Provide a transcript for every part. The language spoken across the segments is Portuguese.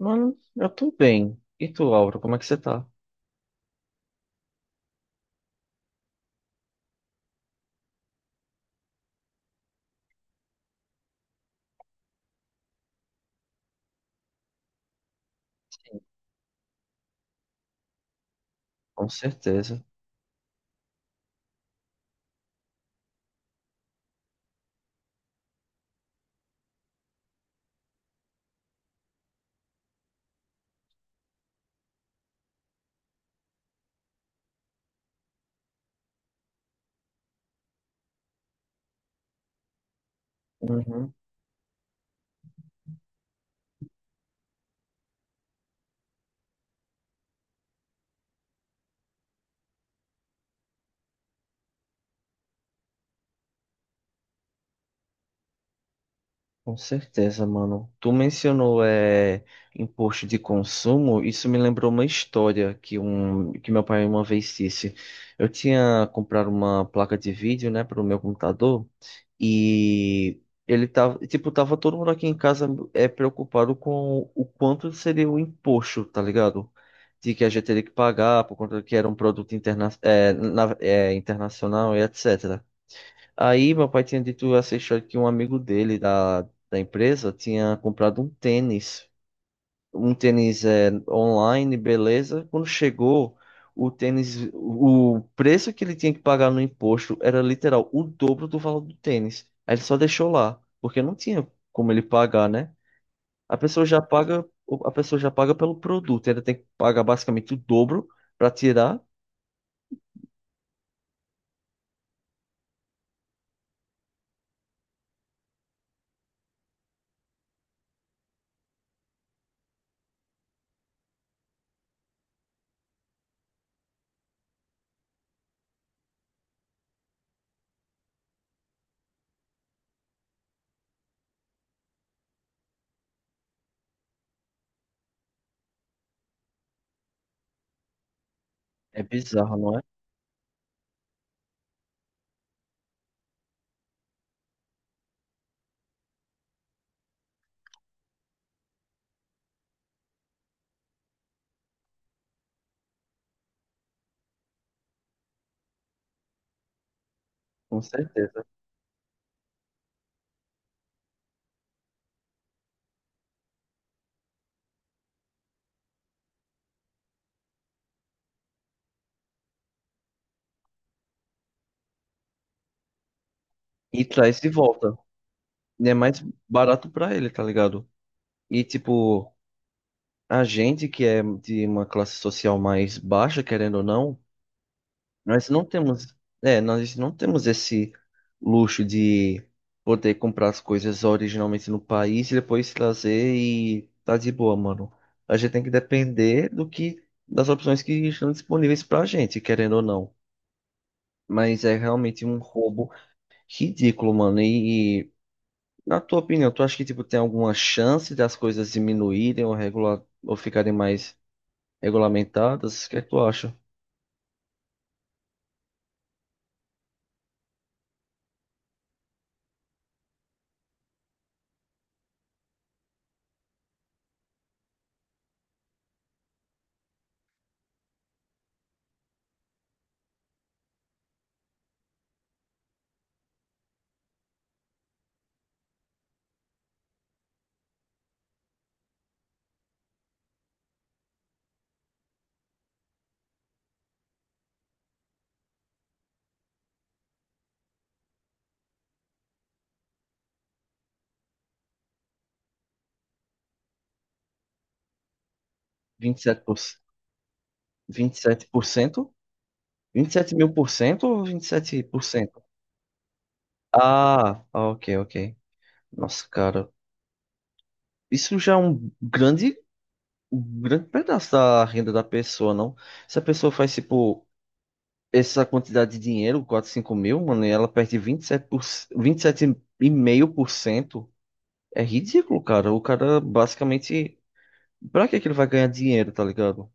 Mano, eu tô bem. E tu, Laura, como é que você tá? Com certeza. Uhum, com certeza, mano. Tu mencionou imposto de consumo, isso me lembrou uma história que meu pai uma vez disse. Eu tinha comprado uma placa de vídeo, né, para o meu computador. E ele tava, tipo, tava todo mundo aqui em casa preocupado com o quanto seria o imposto, tá ligado? De que a gente teria que pagar por conta que era um produto internacional e etc. Aí meu pai tinha dito essa história que um amigo dele da empresa tinha comprado um tênis online, beleza. Quando chegou, o tênis, o preço que ele tinha que pagar no imposto era literal o dobro do valor do tênis. Aí ele só deixou lá, porque não tinha como ele pagar, né? A pessoa já paga, a pessoa já paga pelo produto, ainda tem que pagar basicamente o dobro para tirar. É bizarro, não é? Com certeza. E traz de volta. E é mais barato para ele, tá ligado? E tipo, a gente que é de uma classe social mais baixa, querendo ou não, Nós não temos, nós não temos esse luxo de poder comprar as coisas originalmente no país e depois trazer e tá de boa, mano. A gente tem que depender do que das opções que estão disponíveis pra gente, querendo ou não. Mas é realmente um roubo ridículo, mano. Na tua opinião, tu acha que tipo tem alguma chance das coisas diminuírem ou regular ou ficarem mais regulamentadas? O que é que tu acha? 27%. 27%? 27.000% ou 27%? Ah, ah, ok, ok. Nossa, cara, isso já é um grande pedaço da renda da pessoa, não? Se a pessoa faz, tipo, essa quantidade de dinheiro, 4 5 mil, mano, e ela perde 27,5% é ridículo, cara. O cara, basicamente, pra que que ele vai ganhar dinheiro, tá ligado?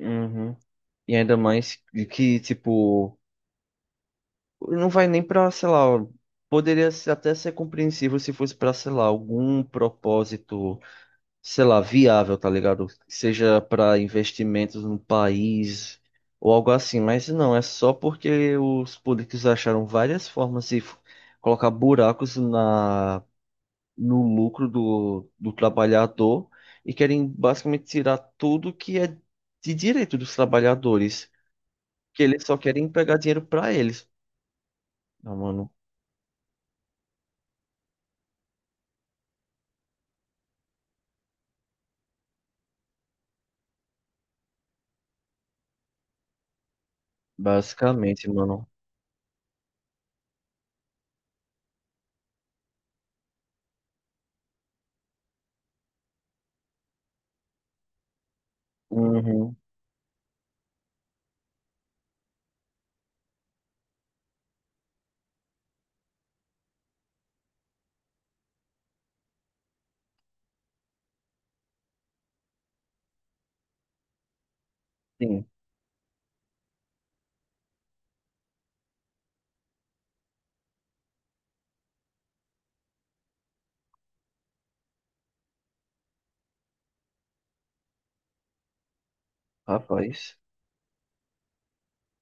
Uhum. E ainda mais que, tipo, não vai nem pra, sei lá, poderia até ser compreensível se fosse pra, sei lá, algum propósito, sei lá, viável, tá ligado? Seja pra investimentos no país ou algo assim, mas não, é só porque os políticos acharam várias formas de colocar buracos na, no lucro do, trabalhador e querem basicamente tirar tudo que é de direito dos trabalhadores, que eles só querem pegar dinheiro pra eles. Não, mano. Basicamente, mano. Uhum. Sim, rapaz.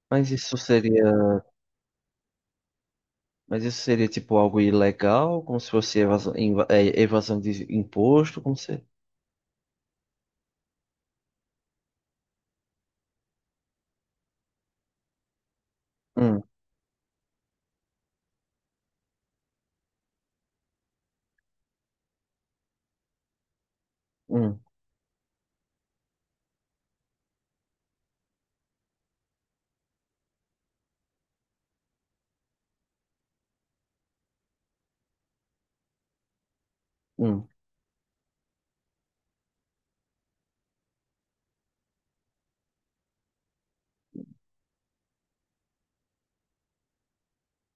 Mas isso seria, mas isso seria tipo algo ilegal, como se fosse evasão, evasão de imposto, como se. Hum, hum, hum.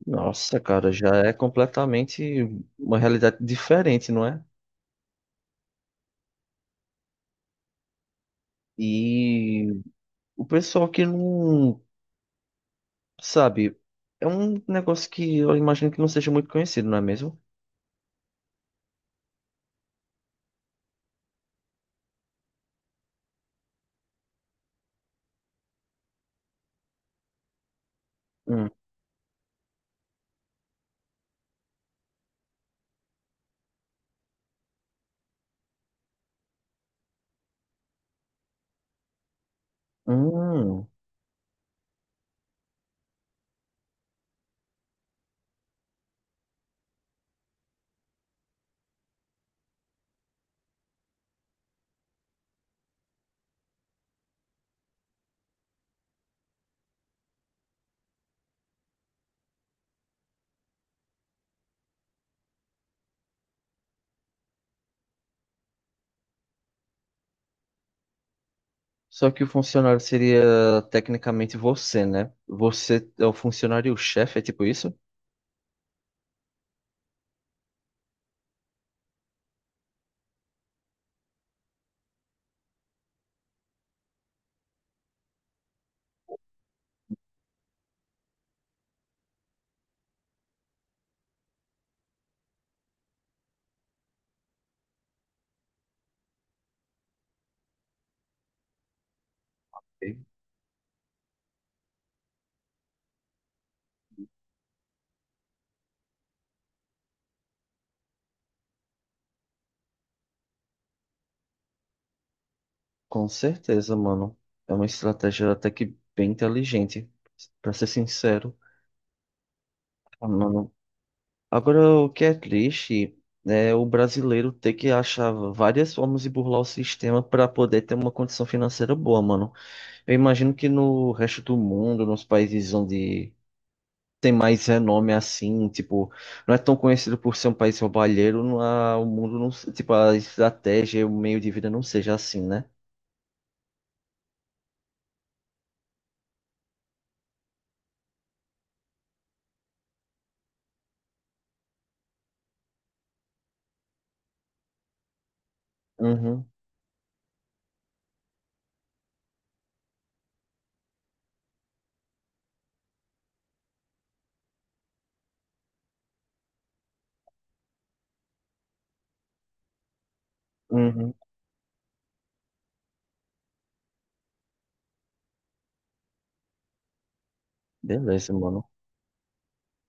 Nossa, cara, já é completamente uma realidade diferente, não é? E o pessoal que não sabe, é um negócio que eu imagino que não seja muito conhecido, não é mesmo? Hum, hum. Só que o funcionário seria tecnicamente você, né? Você é o funcionário-chefe, é tipo isso? Ok? Com certeza, mano. É uma estratégia até que bem inteligente, pra ser sincero. Ah, mano. Agora, o que é triste é o brasileiro ter que achar várias formas de burlar o sistema para poder ter uma condição financeira boa, mano. Eu imagino que no resto do mundo, nos países onde tem mais renome assim, tipo, não é tão conhecido por ser um país roubalheiro, o mundo não, tipo, a estratégia, o meio de vida não seja assim, né? Uhum, uhum. Beleza, mano.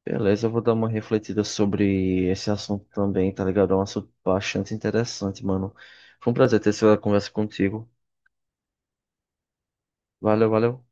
Beleza, eu vou dar uma refletida sobre esse assunto também, tá ligado? É um assunto bastante interessante, mano. Foi um prazer ter essa conversa contigo. Valeu, valeu.